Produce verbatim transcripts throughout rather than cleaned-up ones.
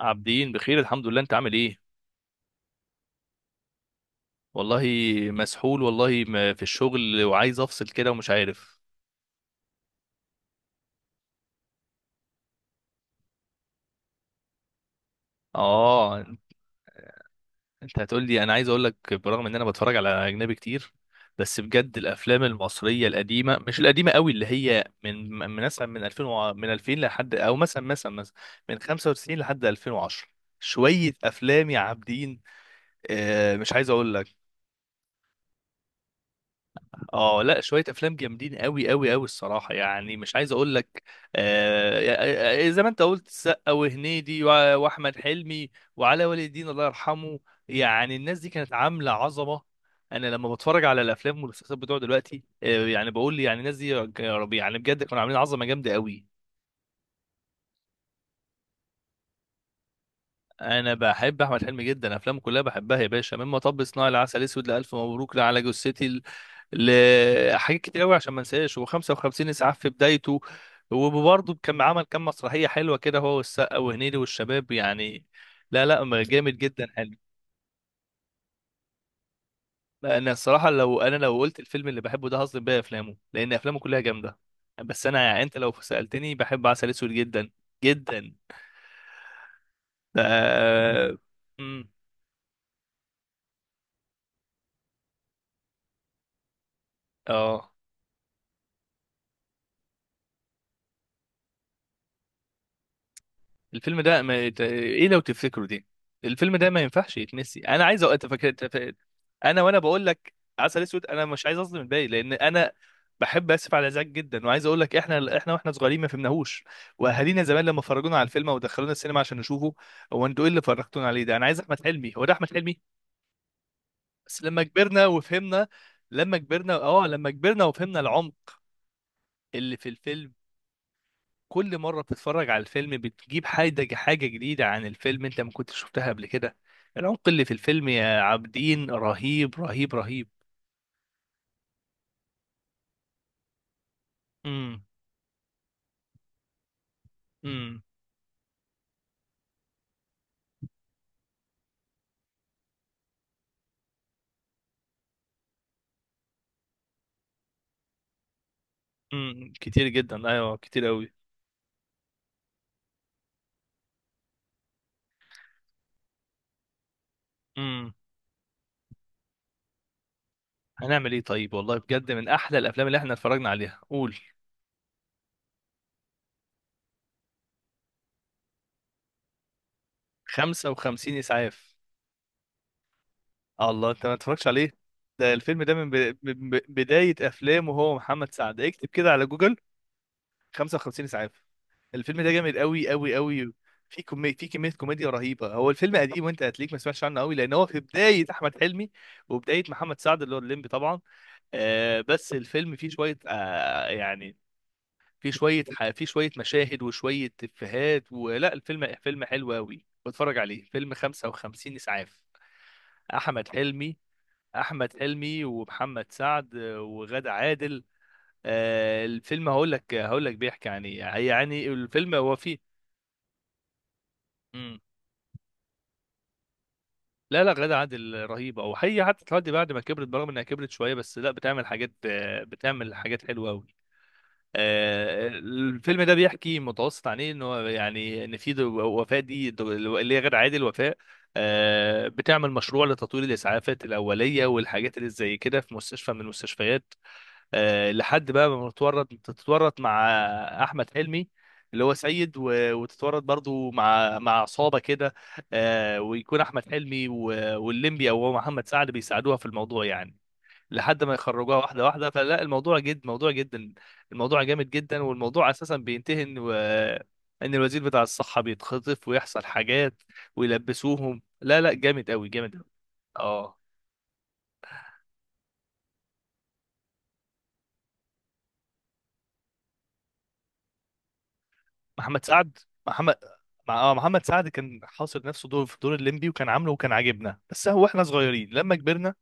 عابدين بخير، الحمد لله. انت عامل ايه؟ والله مسحول، والله ما في الشغل وعايز افصل كده ومش عارف. اه، انت هتقول لي، انا عايز اقول لك برغم ان انا بتفرج على اجنبي كتير، بس بجد الافلام المصريه القديمه، مش القديمه قوي، اللي هي من من مثلا من ألفين وع- من ألفين لحد، او مثلا مثلا مثلا من خمسة وتسعين لحد ألفين وعشرة، شويه افلام يا عابدين. آه مش عايز اقول لك. اه لا، شويه افلام جامدين قوي قوي قوي الصراحه، يعني مش عايز اقول لك. آه آه، آه، زي ما انت قلت، السقا وهنيدي وع- واحمد حلمي وعلاء ولي الدين الله يرحمه. يعني الناس دي كانت عامله عظمه. انا لما بتفرج على الافلام والمسلسلات بتوع دلوقتي، آه يعني بقول، يعني الناس دي يا ربي، يعني بجد كانوا عاملين عظمه جامده قوي. انا بحب احمد حلمي جدا، افلامه كلها بحبها يا باشا، من مطب صناعي، لعسل اسود، لالف مبروك، لعلى جثتي، لحاجات كتير قوي، عشان ما انساش و55 اسعاف في بدايته. وبرضه كان عمل كام مسرحيه حلوه كده، هو والسقا وهنيدي والشباب يعني. لا لا، ما جامد جدا، حلو. انا الصراحه، لو انا لو قلت الفيلم اللي بحبه ده هظلم بيها افلامه، لان افلامه كلها جامده. بس انا يعني، انت لو سالتني بحب عسل اسود جدا، جدا. ف- مم. اه، الفيلم ده ما يت- ايه، لو تفتكروا دي. الفيلم ده ما ينفعش يتنسي، انا عايز أ- أتفك... أتف... انا وانا بقول لك عسل اسود، انا مش عايز اظلم الباقي، لان انا بحب اسف على الازعاج جدا. وعايز اقول لك، احنا احنا واحنا صغيرين ما فهمناهوش، واهالينا زمان لما فرجونا على الفيلم ودخلونا السينما عشان نشوفه. هو انتوا ايه اللي فرجتونا عليه ده؟ انا عايز احمد حلمي، هو ده احمد حلمي. بس لما كبرنا وفهمنا. لما كبرنا اه لما كبرنا وفهمنا العمق اللي في الفيلم. كل مرة بتتفرج على الفيلم بتجيب حاجة حاجة جديدة عن الفيلم انت ما كنتش شفتها قبل كده. العمق اللي في الفيلم يا عابدين رهيب رهيب رهيب. امم، امم، امم. كتير جدا، ايوه كتير قوي. امم هنعمل ايه طيب، والله بجد من احلى الافلام اللي احنا اتفرجنا عليها. قول. خمسة وخمسين اسعاف. الله، انت ما اتفرجتش عليه؟ ده الفيلم ده من ب... ب... ب- بداية افلامه، هو محمد سعد، اكتب كده على جوجل. خمسة وخمسين اسعاف. الفيلم ده جامد قوي قوي قوي. في كمية في كمية كوميديا رهيبة. هو الفيلم قديم، وانت هتليك ما سمعتش عنه قوي، لان هو في بداية احمد حلمي وبداية محمد سعد اللي هو الليمبي طبعا. آه، بس الفيلم فيه شوية، آه يعني فيه شوية ح- فيه شوية مشاهد وشوية افيهات. ولا الفيلم فيلم حلو قوي، بتفرج عليه، فيلم خمسة وخمسين اسعاف، احمد حلمي. احمد حلمي ومحمد سعد وغادة عادل. آه، الفيلم، هقول لك هقول لك بيحكي عن ايه، يعني الفيلم هو فيه. مم. لا لا، غادة عادل رهيبة، او هي حتى لحد بعد ما كبرت، برغم انها كبرت شوية، بس لا بتعمل حاجات، آه، بتعمل حاجات حلوة قوي. الفيلم ده بيحكي متوسط عن ايه، ان هو يعني ان في دو- وفاء، دي دو- اللي هي غادة عادل وفاء، آه، بتعمل مشروع لتطوير الاسعافات الاوليه والحاجات اللي زي كده في مستشفى من المستشفيات، آه، لحد بقى ما تتورط تتورط مع احمد حلمي، اللي هو سيد، و- وتتورط برضو مع مع عصابه كده. آه، ويكون احمد حلمي و- واللمبي، او هو محمد سعد، بيساعدوها في الموضوع يعني، لحد ما يخرجوها واحده واحده. فلا، الموضوع جد، موضوع جدا. الموضوع جامد جدا، والموضوع اساسا بينتهي ان و- ان الوزير بتاع الصحه بيتخطف، ويحصل حاجات، ويلبسوهم. لا لا، جامد قوي، جامد قوي. اه. محمد سعد. محمد. مع اه محمد سعد كان حاصر نفسه دور في دور الليمبي، وكان عامله، وكان عاجبنا، بس هو احنا صغيرين لما كبرنا.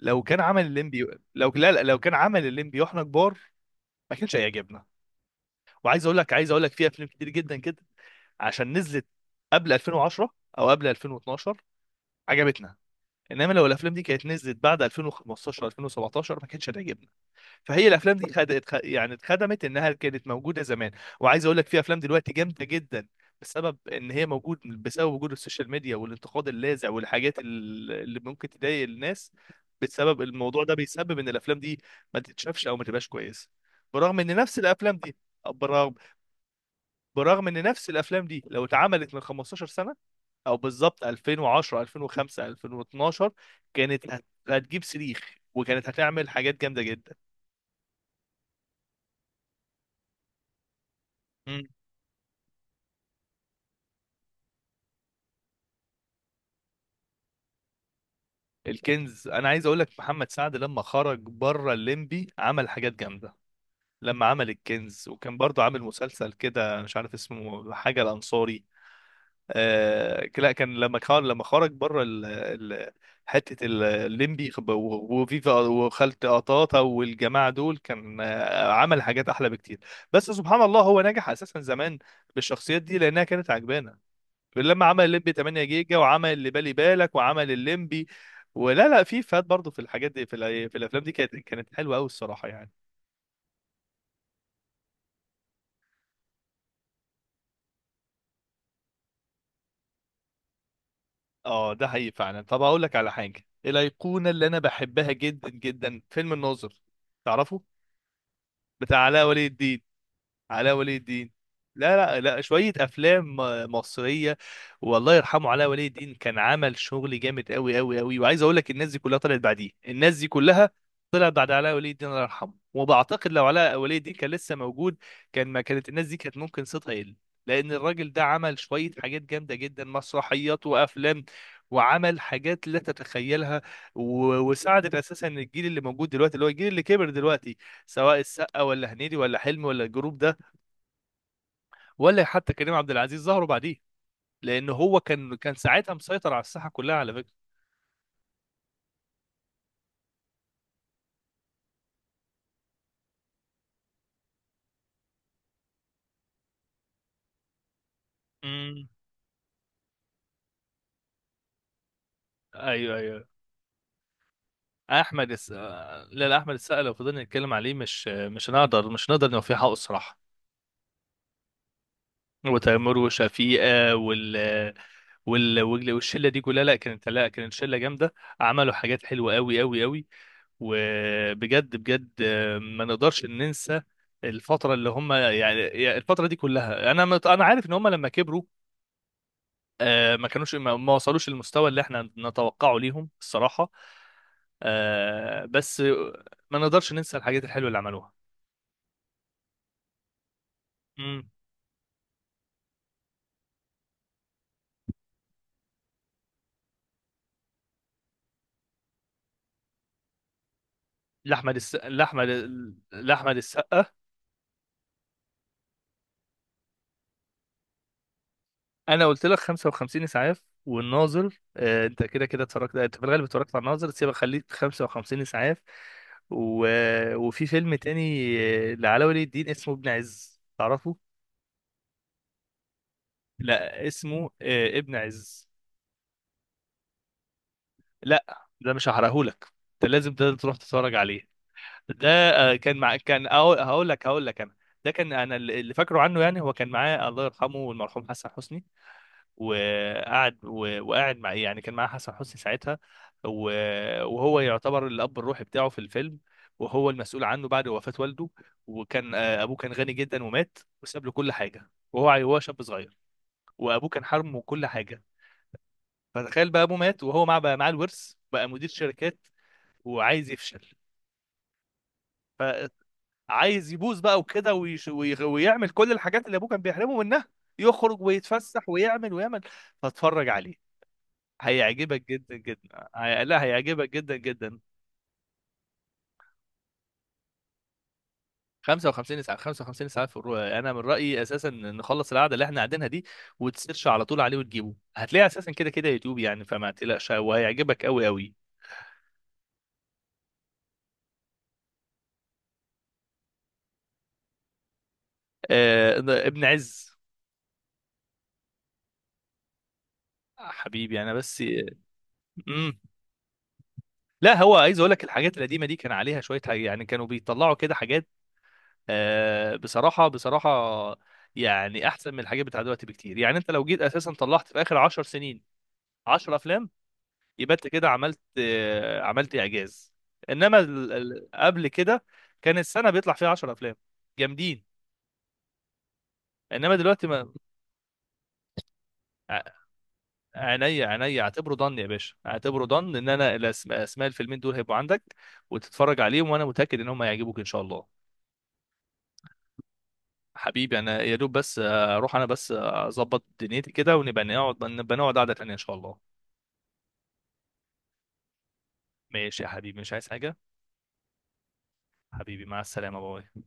لو كان عمل الليمبي. لو لا لا، لو كان عمل الليمبي واحنا كبار ما كانش هيعجبنا. وعايز اقول لك عايز اقول لك في افلام كتير جدا كده، عشان نزلت قبل ألفين وعشرة، او قبل ألفين واثنا عشر، عجبتنا. انما لو الافلام دي كانت نزلت بعد ألفين وخمستاشر، ألفين وسبعتاشر، ما كانتش هتعجبنا. فهي الافلام دي خد... اتخ- يعني اتخدمت انها كانت موجوده زمان. وعايز اقول لك في افلام دلوقتي جامده جدا، بسبب ان هي موجود بسبب وجود السوشيال ميديا والانتقاد اللاذع والحاجات ال- اللي ممكن تضايق الناس. بسبب الموضوع ده بيسبب ان الافلام دي ما تتشافش، او ما تبقاش كويسه. برغم ان نفس الافلام دي، برغم برغم ان نفس الافلام دي لو اتعملت من خمستاشر سنة سنه، او بالظبط ألفين وعشرة، ألفين وخمسة، ألفين واثنا عشر، كانت هت- هتجيب صريخ، وكانت هتعمل حاجات جامده جدا. الكنز، انا عايز اقول لك، محمد سعد لما خرج بره الليمبي عمل حاجات جامده. لما عمل الكنز وكان برضو عامل مسلسل كده مش عارف اسمه، حاجه الانصاري. آه لا، كان لما خرج لما خرج بره ال... ال... حته ال- الليمبي، خب- و- وفيفا، وخالة قطاطا، والجماعه دول، كان آه، عمل حاجات احلى بكتير. بس سبحان الله هو نجح اساسا زمان بالشخصيات دي، لانها كانت عجبانه. لما عمل الليمبي تمانية جيجا، وعمل اللي بالي بالك، وعمل الليمبي، ولا لا، في فات برضه في الحاجات دي، في الأي- في الافلام دي كانت كانت حلوه قوي الصراحه يعني. اه، ده حقيقي فعلا. طب هقول لك على حاجه الايقونه اللي انا بحبها جدا جدا، فيلم الناظر. تعرفه؟ بتاع علاء ولي الدين. علاء ولي الدين. لا لا لا، شوية أفلام مصرية. والله يرحمه علاء ولي الدين، كان عمل شغل جامد أوي أوي أوي. وعايز أقول لك، الناس دي كلها طلعت بعديه، الناس دي كلها طلعت بعد علاء ولي الدين الله يرحمه. وبعتقد لو علاء ولي الدين كان لسه موجود، كان ما كانت الناس دي كانت ممكن صيتها يقل، لأن الراجل ده عمل شوية حاجات جامدة جدا، مسرحيات وأفلام، وعمل حاجات لا تتخيلها، و- وساعدت اساسا الجيل اللي موجود دلوقتي، اللي هو الجيل اللي كبر دلوقتي، سواء السقا، ولا هنيدي، ولا حلمي، ولا الجروب ده، ولا حتى كريم عبد العزيز، ظهروا بعديه، لان هو كان كان ساعتها مسيطر على الساحه كلها على فكره. امم. ايوه ايوه. احمد الس... آه، لا لا، احمد السقا لو فضلنا نتكلم عليه مش مش هنقدر مش هنقدر نوفيه حقه الصراحه. وتامر وشفيقه، وال وال وال- والشله دي كلها، لا كانت، لا كانت شله جامده، عملوا حاجات حلوه قوي قوي قوي. وبجد بجد، آه، ما نقدرش ننسى الفتره اللي هم يعني، يعني الفتره دي كلها. انا مت- انا عارف ان هم لما كبروا، آه، ما كانوش، ما ما وصلوش للمستوى اللي احنا نتوقعه ليهم الصراحة. آه، بس ما نقدرش ننسى الحاجات الحلوة اللي عملوها. امم. لأحمد الس... لأحمد لأحمد السقا، أنا قلت لك خمسة وخمسين إسعاف والناظر. آه، أنت كده كده اتفرجت، أنت في الغالب اتفرجت على الناظر، سيبك خليك خمسة وخمسين إسعاف. و... وفي فيلم تاني، آه، لعلاء ولي الدين، اسمه ابن عز. تعرفه؟ لا، اسمه آه، ابن عز. لا، ده مش هحرقهولك، انت لازم ت- تروح تتفرج عليه. ده آه، كان مع كان أقول- هقول لك هقول لك انا. ده كان انا اللي اللي فاكره عنه، يعني هو كان معاه الله يرحمه المرحوم حسن حسني، وقعد و- وقعد مع إيه؟ يعني كان معاه حسن حسني ساعتها، و- وهو يعتبر الاب الروحي بتاعه في الفيلم، وهو المسؤول عنه بعد وفاة والده. وكان، آه، ابوه كان غني جدا، ومات وساب له كل حاجه، وهو ع- وهو شاب صغير، وابوه كان حرمه كل حاجه. فتخيل بقى ابوه مات، وهو مع بقى معاه الورث، بقى مدير شركات وعايز يفشل. فعايز يبوظ بقى وكده، ويش- وي- ويعمل كل الحاجات اللي ابوه كان بيحرمه منها، يخرج ويتفسح ويعمل ويعمل. فاتفرج عليه، هيعجبك جدا جدا. هي... لا، هيعجبك جدا جدا. خمسة وخمسين ساعة، خمسة وخمسين ساعة في الرؤية. أنا من رأيي أساسا نخلص القعدة اللي إحنا قاعدينها دي، وتسيرش على طول عليه وتجيبه، هتلاقيه أساسا كده كده يوتيوب يعني، فما تقلقش، وهيعجبك أوي أوي. آه... ابن عز. حبيبي أنا. بس لا، هو عايز اقول لك الحاجات القديمه دي كان عليها شويه حاجة، يعني كانوا بيطلعوا كده حاجات، آه بصراحه بصراحه، يعني احسن من الحاجات بتاع دلوقتي بكتير. يعني انت لو جيت اساسا طلعت في اخر عشر سنين عشر افلام، يبقى انت كده عملت آه عملت اعجاز. انما ال- ال- قبل كده كان السنه بيطلع فيها عشر افلام جامدين، انما دلوقتي ما. ع- عينيا عينيا، اعتبره ضن يا باشا، اعتبره ضن ان انا الأسم- اسماء الفيلمين دول هيبقوا عندك وتتفرج عليهم، وانا متاكد ان هم هيعجبوك ان شاء الله. حبيبي انا يا دوب بس، آه، اروح انا بس، آه، اظبط دنيتي كده، ونبقى نقعد، نبقى نقعد قعدة تانية ان شاء الله. ماشي يا حبيبي، مش عايز حاجة. حبيبي مع السلامة، باي.